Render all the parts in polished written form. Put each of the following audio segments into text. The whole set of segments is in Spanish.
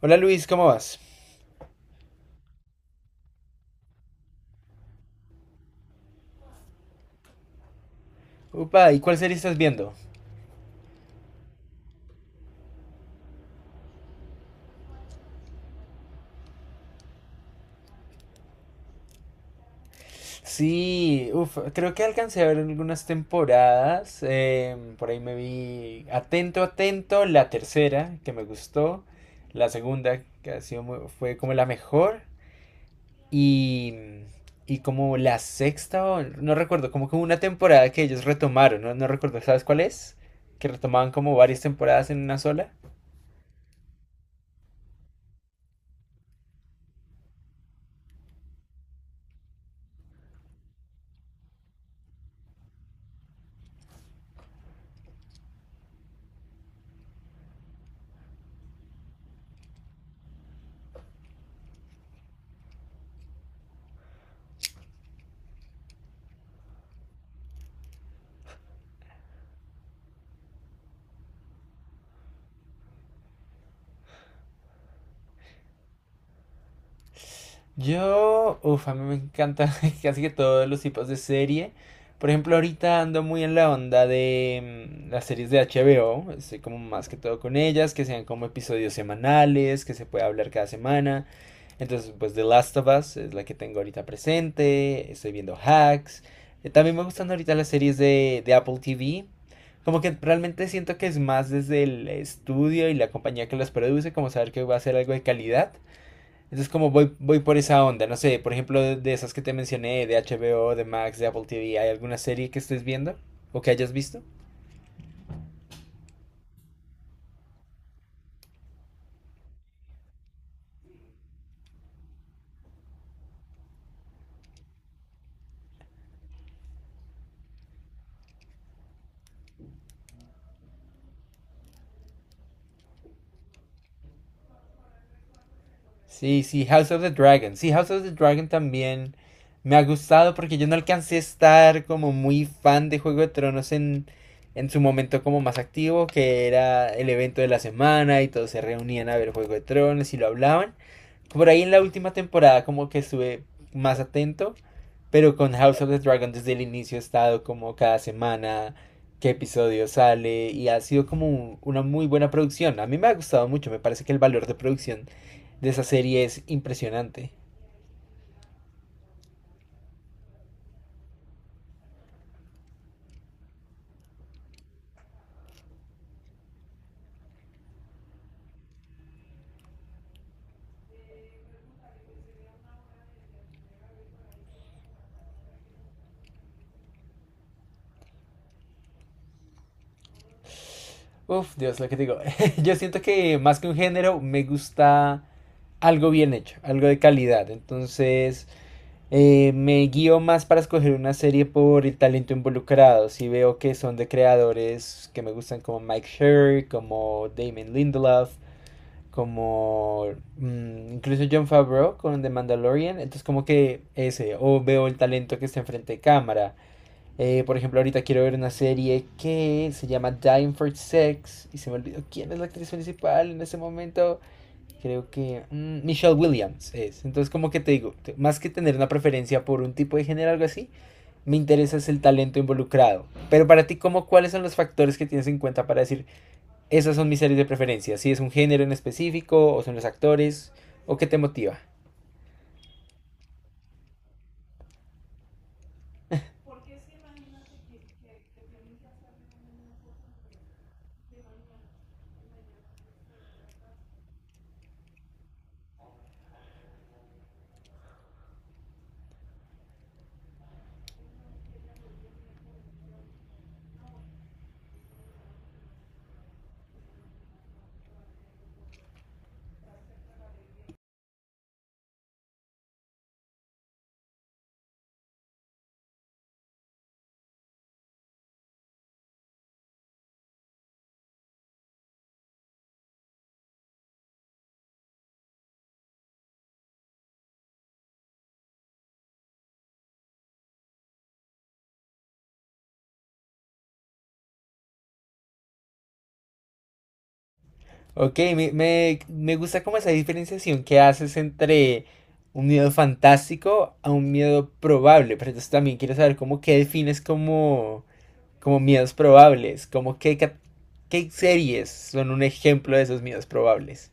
Hola Luis, ¿cómo vas? Upa, ¿y cuál serie estás viendo? Sí, uf, creo que alcancé a ver algunas temporadas. Por ahí me vi Atento, Atento, la tercera, que me gustó. La segunda, que ha sido fue como la mejor. Y, y como la sexta, no recuerdo, como que hubo una temporada que ellos retomaron, ¿no? No recuerdo, ¿sabes cuál es? Que retomaban como varias temporadas en una sola. Yo, uff, a mí me encanta casi que todos los tipos de serie. Por ejemplo, ahorita ando muy en la onda de las series de HBO. Estoy como más que todo con ellas, que sean como episodios semanales, que se pueda hablar cada semana. Entonces, pues The Last of Us es la que tengo ahorita presente. Estoy viendo Hacks. También me gustan ahorita las series de Apple TV. Como que realmente siento que es más desde el estudio y la compañía que las produce, como saber que va a ser algo de calidad, entonces como voy por esa onda, no sé, por ejemplo, de esas que te mencioné, de HBO, de Max, de Apple TV. ¿Hay alguna serie que estés viendo o que hayas visto? Sí, sí, House of the Dragon. Sí, House of the Dragon también me ha gustado porque yo no alcancé a estar como muy fan de Juego de Tronos en su momento como más activo, que era el evento de la semana y todos se reunían a ver Juego de Tronos y lo hablaban. Por ahí en la última temporada como que estuve más atento, pero con House of the Dragon desde el inicio he estado como cada semana, qué episodio sale y ha sido como una muy buena producción. A mí me ha gustado mucho, me parece que el valor de producción de esa serie es impresionante. Uf, Dios, lo que digo. Yo siento que más que un género me gusta algo bien hecho, algo de calidad. Me guío más para escoger una serie por el talento involucrado. Si veo que son de creadores que me gustan como Mike Sherr, como Damon Lindelof, como incluso Jon Favreau con The Mandalorian. Entonces como que ese, o veo el talento que está enfrente de cámara. Por ejemplo, ahorita quiero ver una serie que se llama Dying for Sex y se me olvidó quién es la actriz principal en ese momento. Creo que Michelle Williams es. Entonces, como que te digo, más que tener una preferencia por un tipo de género o algo así, me interesa es el talento involucrado. Pero para ti, ¿cuáles son los factores que tienes en cuenta para decir, esas son mis series de preferencia? Si es un género en específico, o son los actores, o qué te motiva. Ok, me gusta como esa diferenciación que haces entre un miedo fantástico a un miedo probable, pero entonces también quiero saber cómo qué defines como, como miedos probables, como qué series son un ejemplo de esos miedos probables.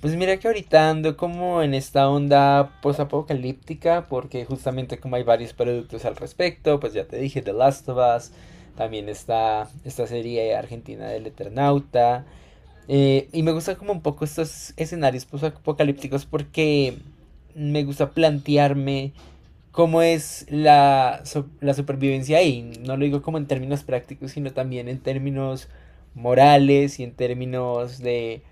Pues mira que ahorita ando como en esta onda postapocalíptica, porque justamente como hay varios productos al respecto, pues ya te dije, The Last of Us, también está esta serie argentina del Eternauta. Y me gustan como un poco estos escenarios apocalípticos porque me gusta plantearme cómo es la supervivencia ahí. No lo digo como en términos prácticos, sino también en términos morales y en términos de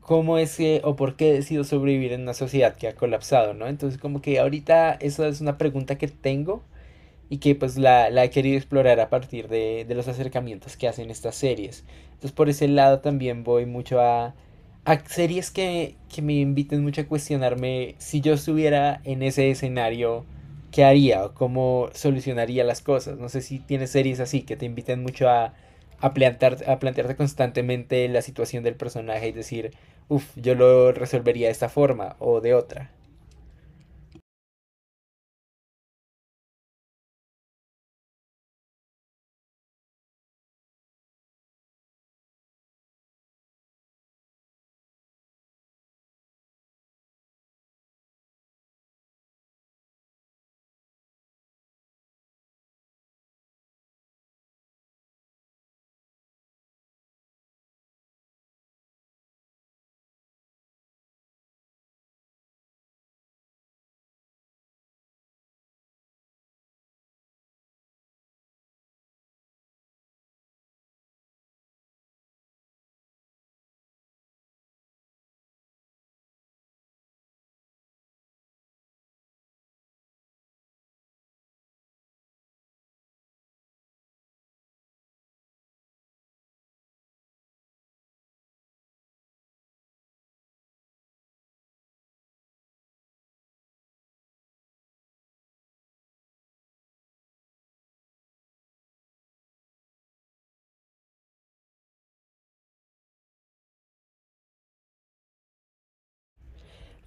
cómo es que o por qué decido sobrevivir en una sociedad que ha colapsado, ¿no? Entonces como que ahorita esa es una pregunta que tengo y que pues la he querido explorar a partir de los acercamientos que hacen estas series. Entonces por ese lado también voy mucho a series que me inviten mucho a cuestionarme si yo estuviera en ese escenario, ¿qué haría o cómo solucionaría las cosas? No sé si tienes series así que te inviten mucho a, a plantearte constantemente la situación del personaje y decir, uff, yo lo resolvería de esta forma o de otra.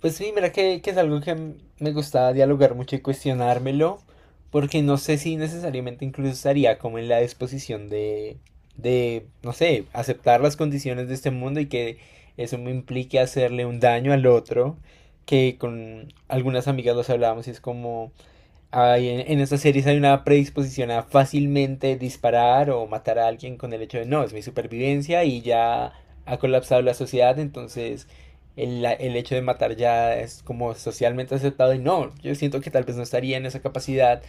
Pues sí, mira que es algo que me gustaba dialogar mucho y cuestionármelo, porque no sé si necesariamente incluso estaría como en la disposición no sé, aceptar las condiciones de este mundo y que eso me implique hacerle un daño al otro, que con algunas amigas los hablábamos y es como, estas series hay una predisposición a fácilmente disparar o matar a alguien con el hecho de no, es mi supervivencia y ya ha colapsado la sociedad, entonces el hecho de matar ya es como socialmente aceptado y no, yo siento que tal vez no estaría en esa capacidad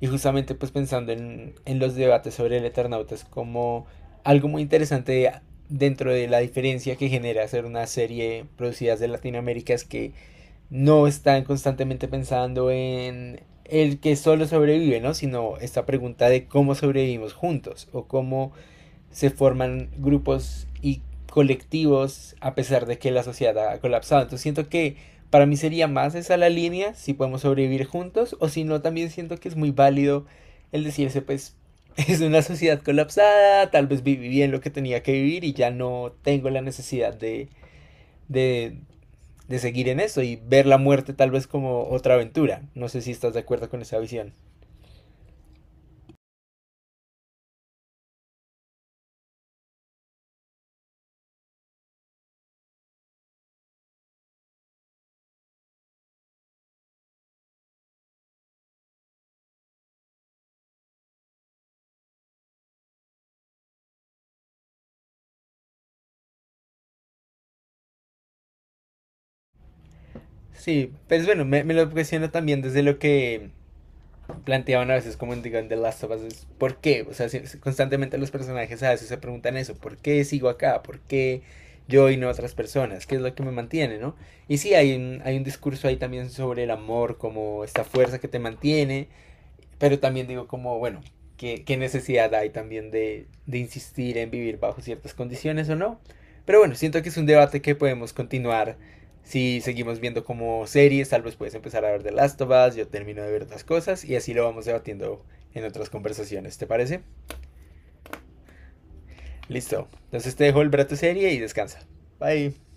y justamente pues pensando en los debates sobre el Eternauta es como algo muy interesante dentro de la diferencia que genera hacer una serie producida de Latinoamérica es que no están constantemente pensando en el que solo sobrevive, ¿no? Sino esta pregunta de cómo sobrevivimos juntos o cómo se forman grupos y colectivos a pesar de que la sociedad ha colapsado. Entonces siento que para mí sería más esa la línea, si podemos sobrevivir juntos o si no, también siento que es muy válido el decirse, pues es una sociedad colapsada, tal vez viví bien lo que tenía que vivir y ya no tengo la necesidad de de seguir en eso y ver la muerte tal vez como otra aventura. No sé si estás de acuerdo con esa visión. Sí, pues bueno, me lo cuestiono también desde lo que planteaban a veces como en digo, en The Last of Us. ¿Por qué? O sea, si constantemente los personajes a veces se preguntan eso, ¿por qué sigo acá? ¿Por qué yo y no otras personas? ¿Qué es lo que me mantiene, no? Y sí, hay hay un discurso ahí también sobre el amor como esta fuerza que te mantiene. Pero también digo como, bueno, ¿qué necesidad hay también de insistir en vivir bajo ciertas condiciones o no? Pero bueno, siento que es un debate que podemos continuar si seguimos viendo como series, tal vez puedes empezar a ver The Last of Us, yo termino de ver otras cosas y así lo vamos debatiendo en otras conversaciones, ¿te parece? Listo. Entonces te dejo el brato serie y descansa. Bye.